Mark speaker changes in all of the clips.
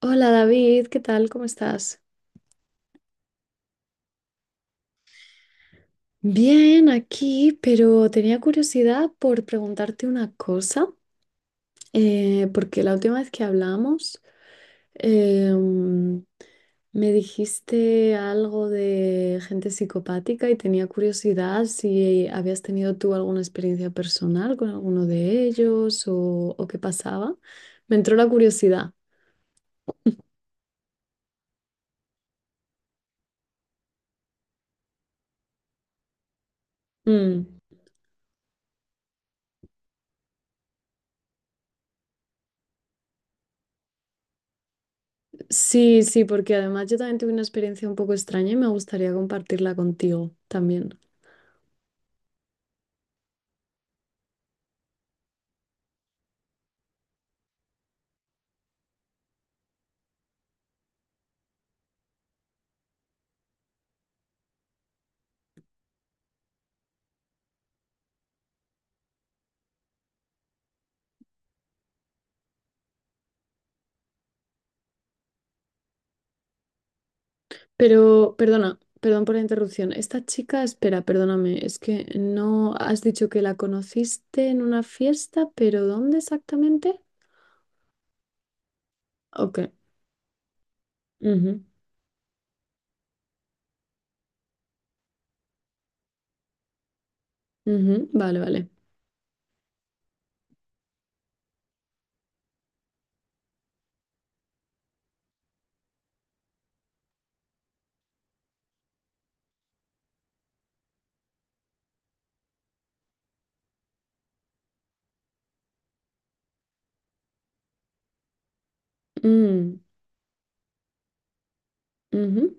Speaker 1: Hola David, ¿qué tal? ¿Cómo estás? Bien, aquí, pero tenía curiosidad por preguntarte una cosa, porque la última vez que hablamos em, me dijiste algo de gente psicopática y tenía curiosidad si habías tenido tú alguna experiencia personal con alguno de ellos o qué pasaba. Me entró la curiosidad. Mm. Sí, sí, porque además yo también tuve una experiencia un poco extraña y me gustaría compartirla contigo también. Pero, perdona, perdón por la interrupción. Esta chica, espera, perdóname, es que no has dicho que la conociste en una fiesta, pero ¿dónde exactamente? Ok. Ujú. Ujú, vale, vale. Mm, ujú.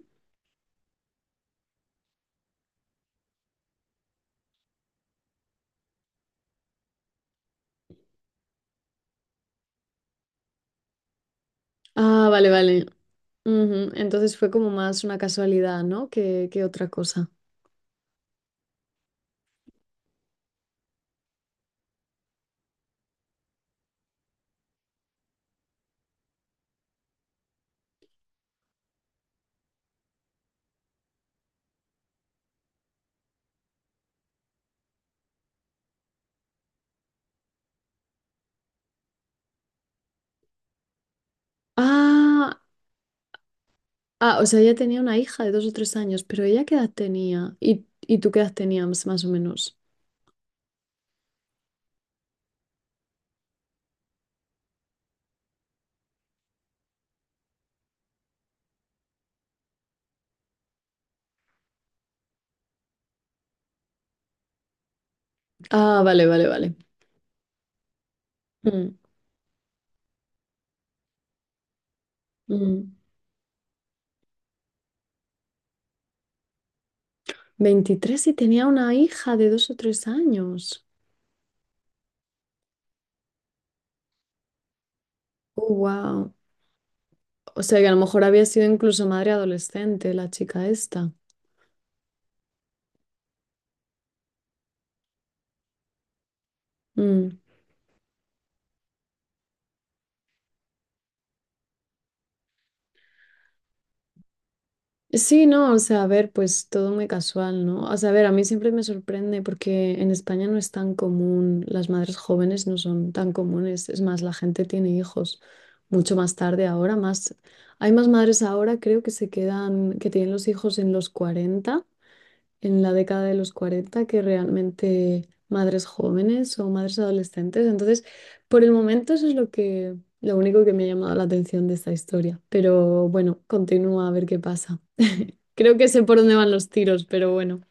Speaker 1: Ah, vale, vale. Ujú, entonces fue como más una casualidad, ¿no? Que otra cosa. Ah, Ah, o sea, ella tenía una hija de dos o tres años, pero ¿ella qué edad tenía? Y tú qué edad tenías, más o menos? Ah, vale, vale, vale. Mm, mm. 23 y tenía una hija de dos o tres años. Wow. O sea, que a lo mejor había sido incluso madre adolescente la chica esta. Mm. Sí, no, o sea, a ver, pues todo muy casual, ¿no? O sea, a ver, a mí siempre me sorprende porque en España no es tan común, las madres jóvenes no son tan comunes, es más, la gente tiene hijos mucho más tarde ahora, más, hay más madres ahora, creo que se quedan, que tienen los hijos en los 40, en la década de los 40, que realmente madres jóvenes o madres adolescentes. Entonces, por el momento eso es lo que, lo único que me ha llamado la atención de esta historia, pero bueno, continúa a ver qué pasa. Creo que sé por dónde van los tiros, pero bueno,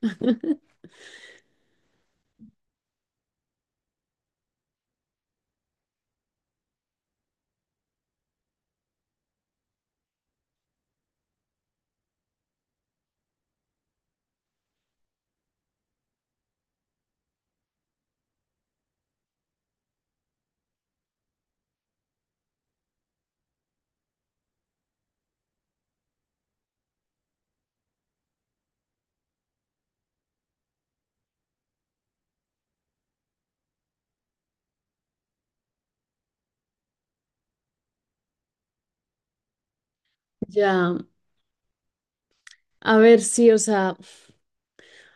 Speaker 1: ya. A ver, sí, o sea,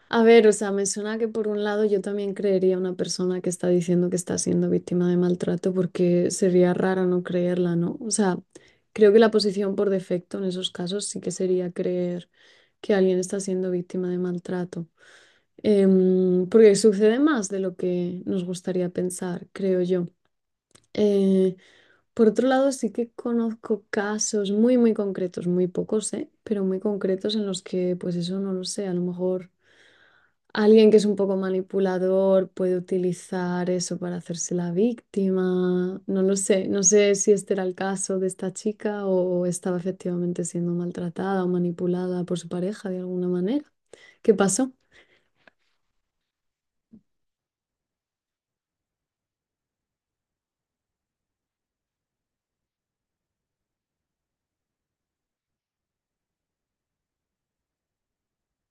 Speaker 1: a ver, o sea, me suena que por un lado yo también creería a una persona que está diciendo que está siendo víctima de maltrato porque sería raro no creerla, ¿no? O sea, creo que la posición por defecto en esos casos sí que sería creer que alguien está siendo víctima de maltrato. Porque sucede más de lo que nos gustaría pensar, creo yo. Eh, Por otro lado, sí que conozco casos muy, muy concretos, muy pocos, ¿eh? Pero muy concretos en los que, pues eso no lo sé, a lo mejor alguien que es un poco manipulador puede utilizar eso para hacerse la víctima, no lo sé, no sé si este era el caso de esta chica o estaba efectivamente siendo maltratada o manipulada por su pareja de alguna manera. ¿Qué pasó?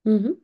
Speaker 1: Ujú.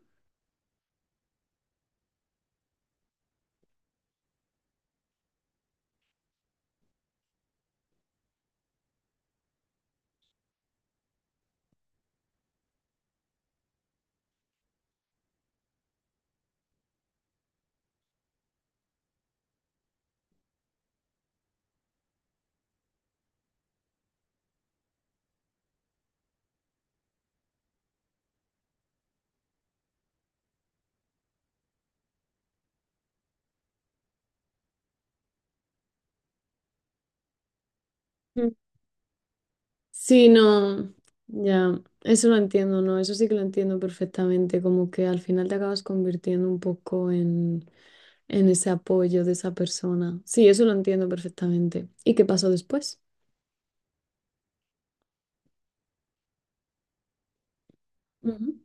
Speaker 1: Sí, no, ya, eso lo entiendo, ¿no? Eso sí que lo entiendo perfectamente, como que al final te acabas convirtiendo un poco en ese apoyo de esa persona. Sí, eso lo entiendo perfectamente. ¿Y qué pasó después? Ujú.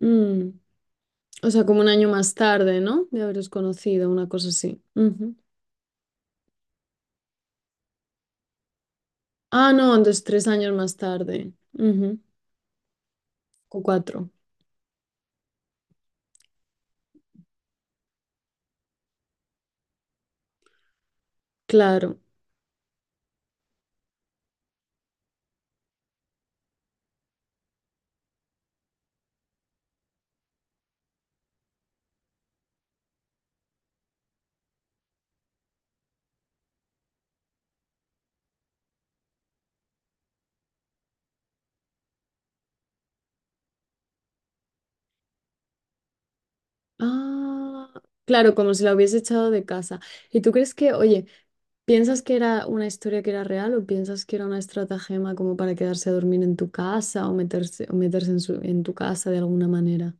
Speaker 1: Mm, o sea, como un año más tarde, ¿no? De haberos conocido, una cosa así. Ujú. Ah, no, entonces tres años más tarde. Ujú, o cuatro, claro. Ah, claro, como si la hubiese echado de casa. ¿Y tú crees que, oye, piensas que era una historia que era real o piensas que era una estratagema como para quedarse a dormir en tu casa o meterse en su- en tu casa de alguna manera?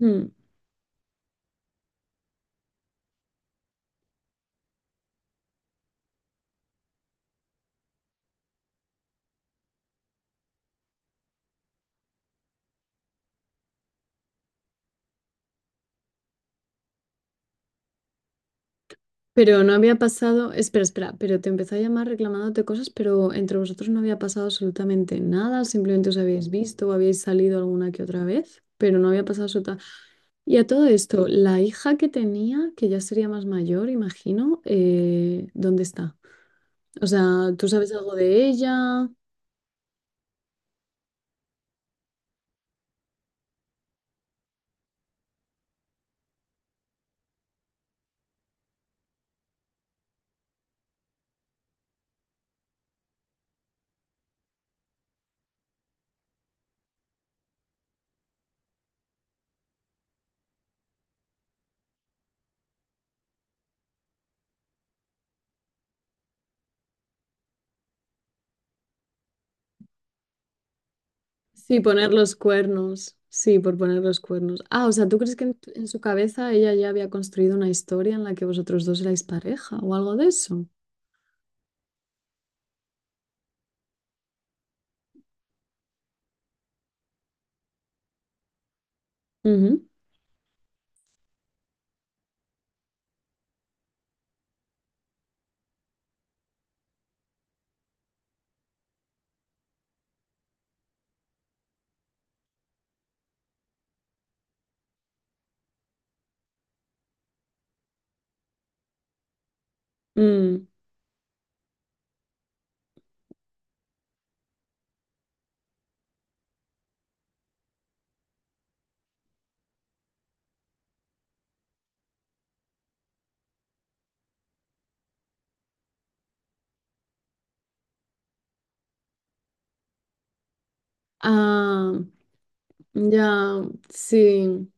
Speaker 1: Hmm, pero no había pasado, espera, espera, pero te empezó a llamar reclamándote cosas, pero entre vosotros no había pasado absolutamente nada, simplemente os habéis visto o habéis salido alguna que otra vez, pero no había pasado absolutamente... Y a todo esto, la hija que tenía, que ya sería más mayor, imagino, ¿dónde está? O sea, ¿tú sabes algo de ella? Sí, poner los cuernos. Sí, por poner los cuernos. Ah, o sea, ¿tú crees que en su cabeza ella ya había construido una historia en la que vosotros dos erais pareja o algo de eso? Ujú. Mm. Ah, ya, sí.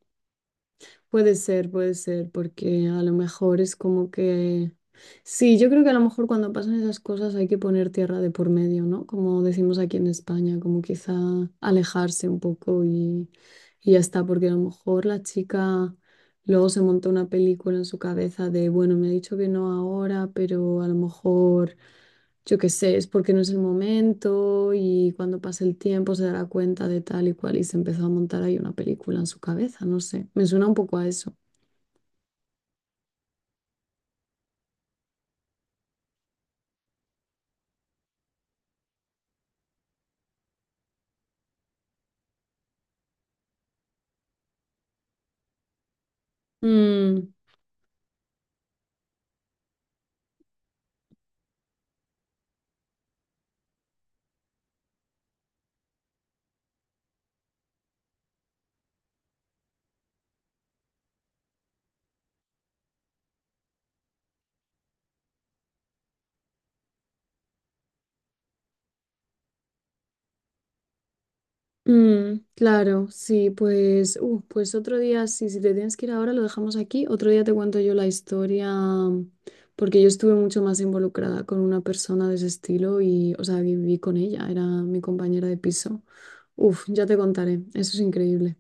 Speaker 1: Puede ser, porque a lo mejor es como que... Sí, yo creo que a lo mejor cuando pasan esas cosas hay que poner tierra de por medio, ¿no? Como decimos aquí en España, como quizá alejarse un poco y ya está, porque a lo mejor la chica luego se montó una película en su cabeza de, bueno, me ha dicho que no ahora, pero a lo mejor yo qué sé, es porque no es el momento y cuando pase el tiempo se dará cuenta de tal y cual y se empezó a montar ahí una película en su cabeza, no sé, me suena un poco a eso. Mm, mm, claro, sí, pues, pues otro día, sí, si te tienes que ir ahora, lo dejamos aquí, otro día te cuento yo la historia, mm, porque yo estuve mucho más involucrada con una persona de ese estilo y, o sea, viví con ella, era mi compañera de piso. Uf, ya te contaré, eso es increíble.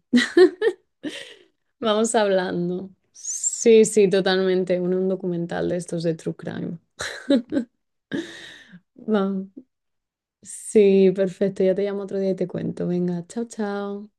Speaker 1: Vamos hablando. Sí, sí, totalmente. Uno, un documental de estos de True Crime. Va. Sí, perfecto. Ya te llamo otro día y te cuento. Venga, chao, chao.